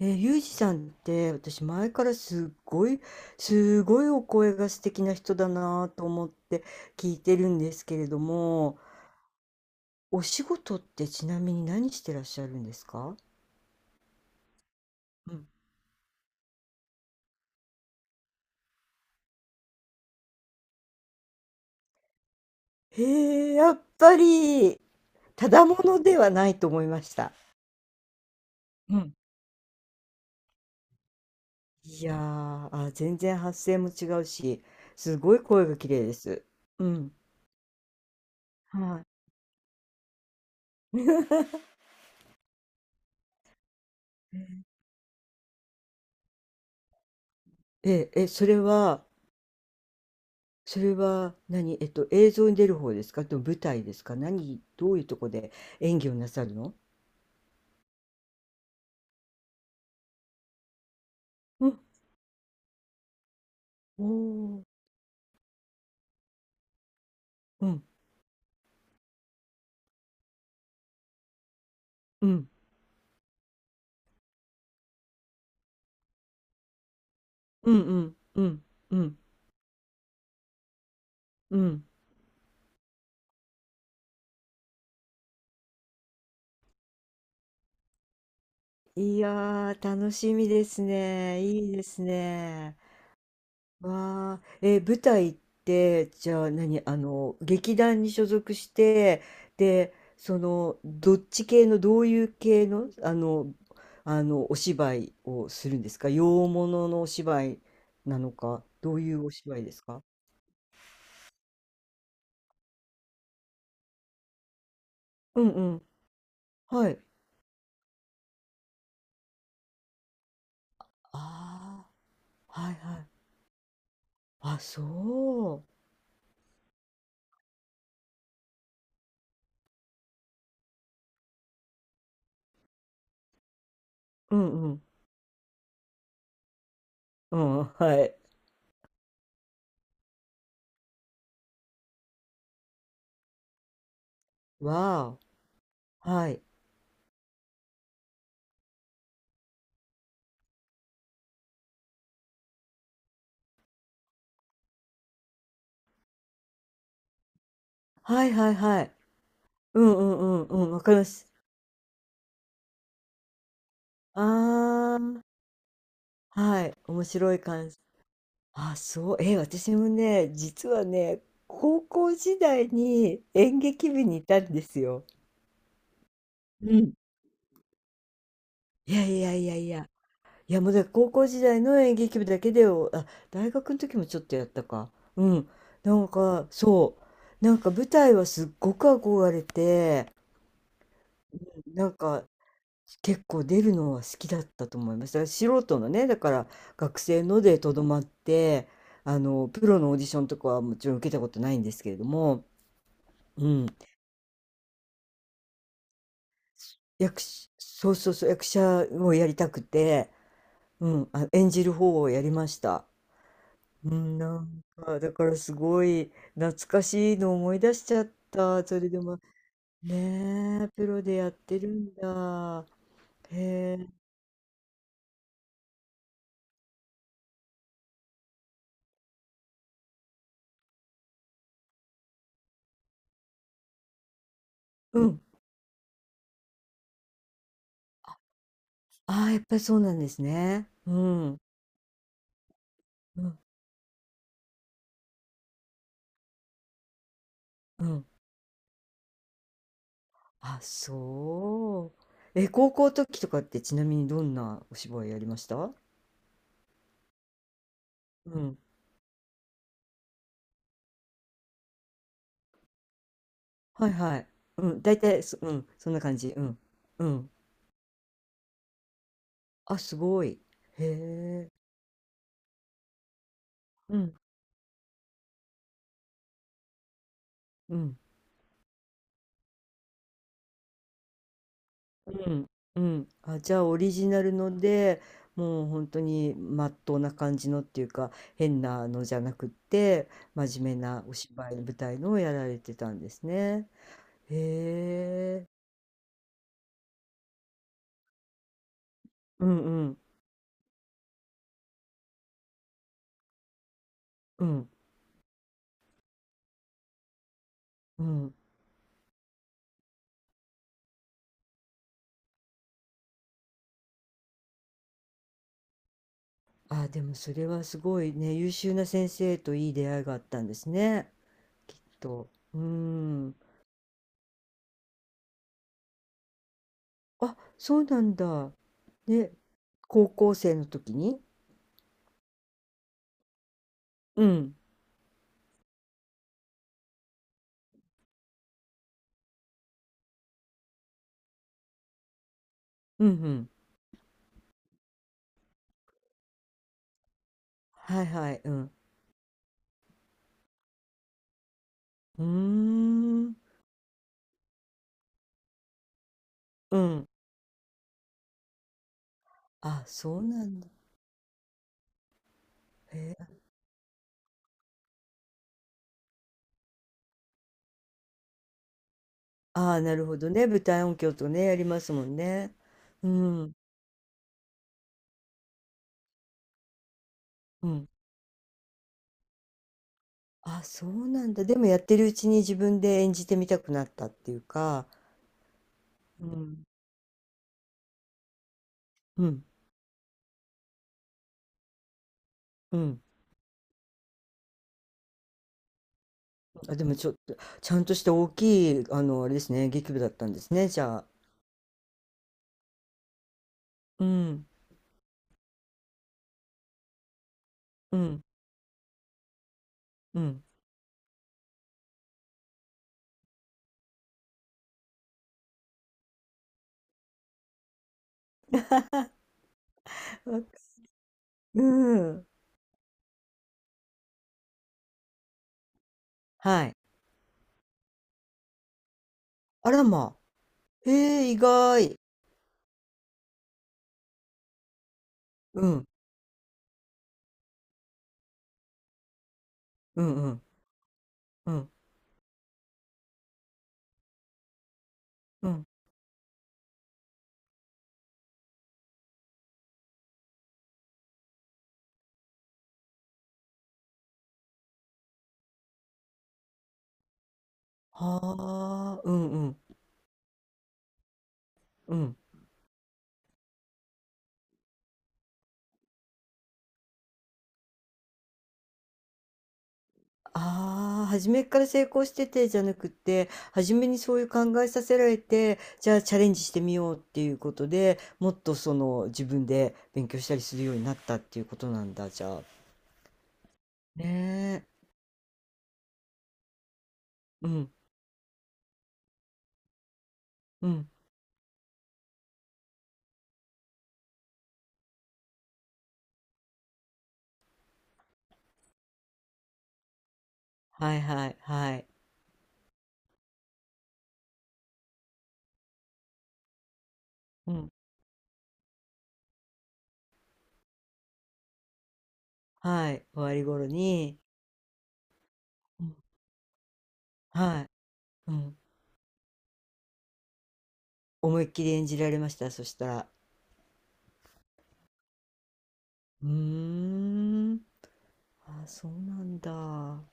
ユージさんって私前からすごいお声が素敵な人だなと思って聞いてるんですけれども、お仕事ってちなみに何してらっしゃるんですか？うん。へやっぱりただものではないと思いました。うん。全然発声も違うし、すごい声が綺麗です。うん、はい。ええ、え、それは、それは何、映像に出る方ですかと舞台ですか、何、どういうとこで演技をなさるの？うん、おお、うん、うん、うん、うん、うん、うん、うん。いやー、楽しみですね。いいですね。わあ、舞台って、じゃあ何、劇団に所属して、で、どっち系の、どういう系の、お芝居をするんですか、洋物のお芝居なのか、どういうお芝居ですか？うんうん。はい。ああ、はいはい。あ、そう。うんうん。うん、はい。わあ。はい。はいはいはい。うんうんうんうん。わかります。ああ。はい、面白い感じ。あ、そう、え、私もね、実はね、高校時代に演劇部にいたんですよ。うん。いやいやいやいや、いやもうだから高校時代の演劇部だけでを、あ、大学の時もちょっとやったか。うん。なんか、そう。なんか舞台はすっごく憧れて、なんか結構出るのは好きだったと思います。だから素人のね、だから学生のでとどまって、プロのオーディションとかはもちろん受けたことないんですけれども、うん、役し、そうそうそう、役者をやりたくて、うん、あ、演じる方をやりました。うん、なんか、だからすごい懐かしいのを思い出しちゃった。それでも、ねえ、プロでやってるんだ。へえ、うん。ああ、やっぱりそうなんですね。うん、うん、うん。あ、そう。え、高校時とかってちなみにどんなお芝居やりました？うん。はいはい。うん。大体、そ、うん。そんな感じ。うん。うん。あ、すごい。へえ。うん。うん。うん。うん。あ、じゃあオリジナルので、もう本当にまっとうな感じのっていうか、変なのじゃなくって、真面目なお芝居、舞台のをやられてたんですね。へえ。うんうん。うん。うん。あ、でもそれはすごいね、優秀な先生といい出会いがあったんですね、きっと。うん。あ、そうなんだ。ね、高校生の時に。うん。うんうん。はいはい。うん。うーん。うん。あ、そうなんだ。へえ。ああ、なるほどね。舞台音響とね、やりますもんね。うん。うん。あ、そうなんだ。でもやってるうちに自分で演じてみたくなったっていうか。うん。うん。うん。あ、でもちょっと、ちゃんとした大きい、あれですね、劇部だったんですね、じゃあ。うん、うん、うん。わうん。はい。あらま。へえ、意外。うん、うん、うん、うん、うん。はあ、うん、うん、うん。ああ、初めから成功しててじゃなくて、初めにそういう考えさせられて、じゃあチャレンジしてみようっていうことで、もっとその自分で勉強したりするようになったっていうことなんだ、じゃあ。ねえ。うん。うん。はいはいはい。うん。はい。終わり頃に、うん。はい。うん。思いっきり演じられました？そしたら。うーん。ああ、そうなんだ。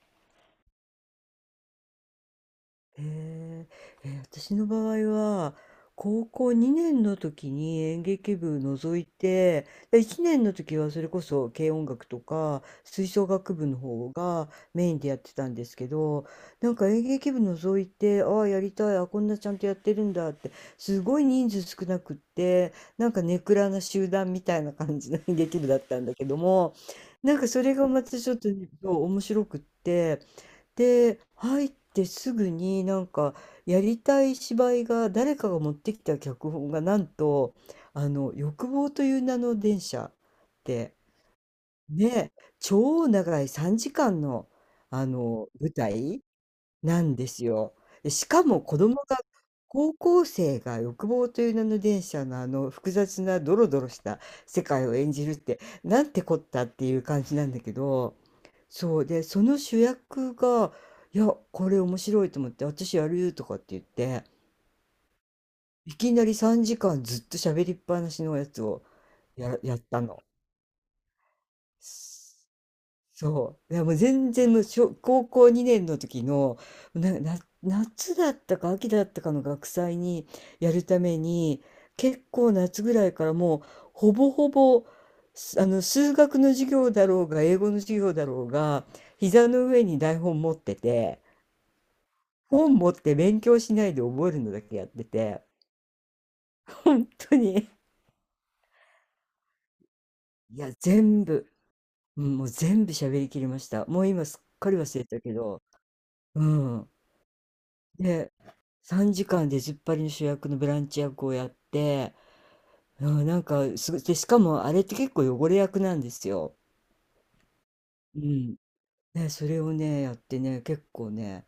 へえ、私の場合は、高校2年の時に演劇部除いて、で1年の時はそれこそ軽音楽とか吹奏楽部の方がメインでやってたんですけど、なんか演劇部除いて、ああ、やりたい、あ、こんなちゃんとやってるんだって、すごい人数少なくって、なんかネクラな集団みたいな感じの演劇部だったんだけども、なんかそれがまたちょっとねそう面白くって、で、入ってすぐになんかやりたい芝居が誰かが持ってきた脚本がなんと「あの欲望という名の電車」って、ね、超長い3時間の、あの舞台なんですよ。で、しかも子供が、高校生が欲望という名の電車のあの複雑なドロドロした世界を演じるって、なんてこったっていう感じなんだけど。そうで、その主役が、いや、これ面白いと思って、私やるとかって言って、いきなり3時間ずっと喋りっぱなしのやつをやったの。そう。いや、もう全然もう小、高校2年の時の、な、な、夏だったか秋だったかの学祭にやるために、結構夏ぐらいからもう、ほぼほぼ、すあの、数学の授業だろうが、英語の授業だろうが、膝の上に台本持ってて、本持って勉強しないで覚えるのだけやってて、本当に、いや、全部、うん、もう全部喋りきりました。もう今すっかり忘れたけど、うん。で、3時間で出ずっぱりの主役のブランチ役をやって、うん、なんかすごい、で、しかもあれって結構汚れ役なんですよ。うん。ね、それをね、やってね、結構ね、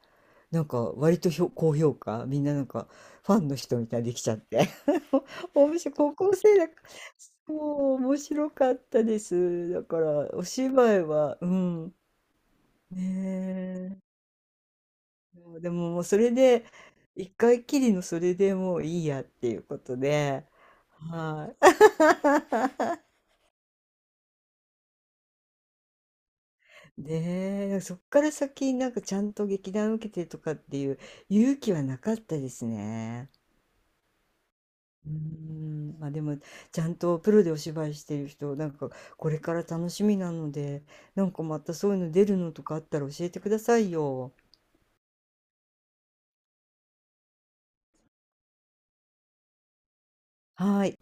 なんか割と高評価、みんななんかファンの人みたいにできちゃって。面白い、高校生だから、そう、面白かったです。だから、お芝居は、うん、ねえ。でももうそれで、一回きりのそれでもういいやっていうことで、はい。ねえ、そっから先、なんかちゃんと劇団受けてとかっていう勇気はなかったですね。うーん、まあでも、ちゃんとプロでお芝居してる人、なんかこれから楽しみなので、なんかまたそういうの出るのとかあったら教えてくださいよ。はい。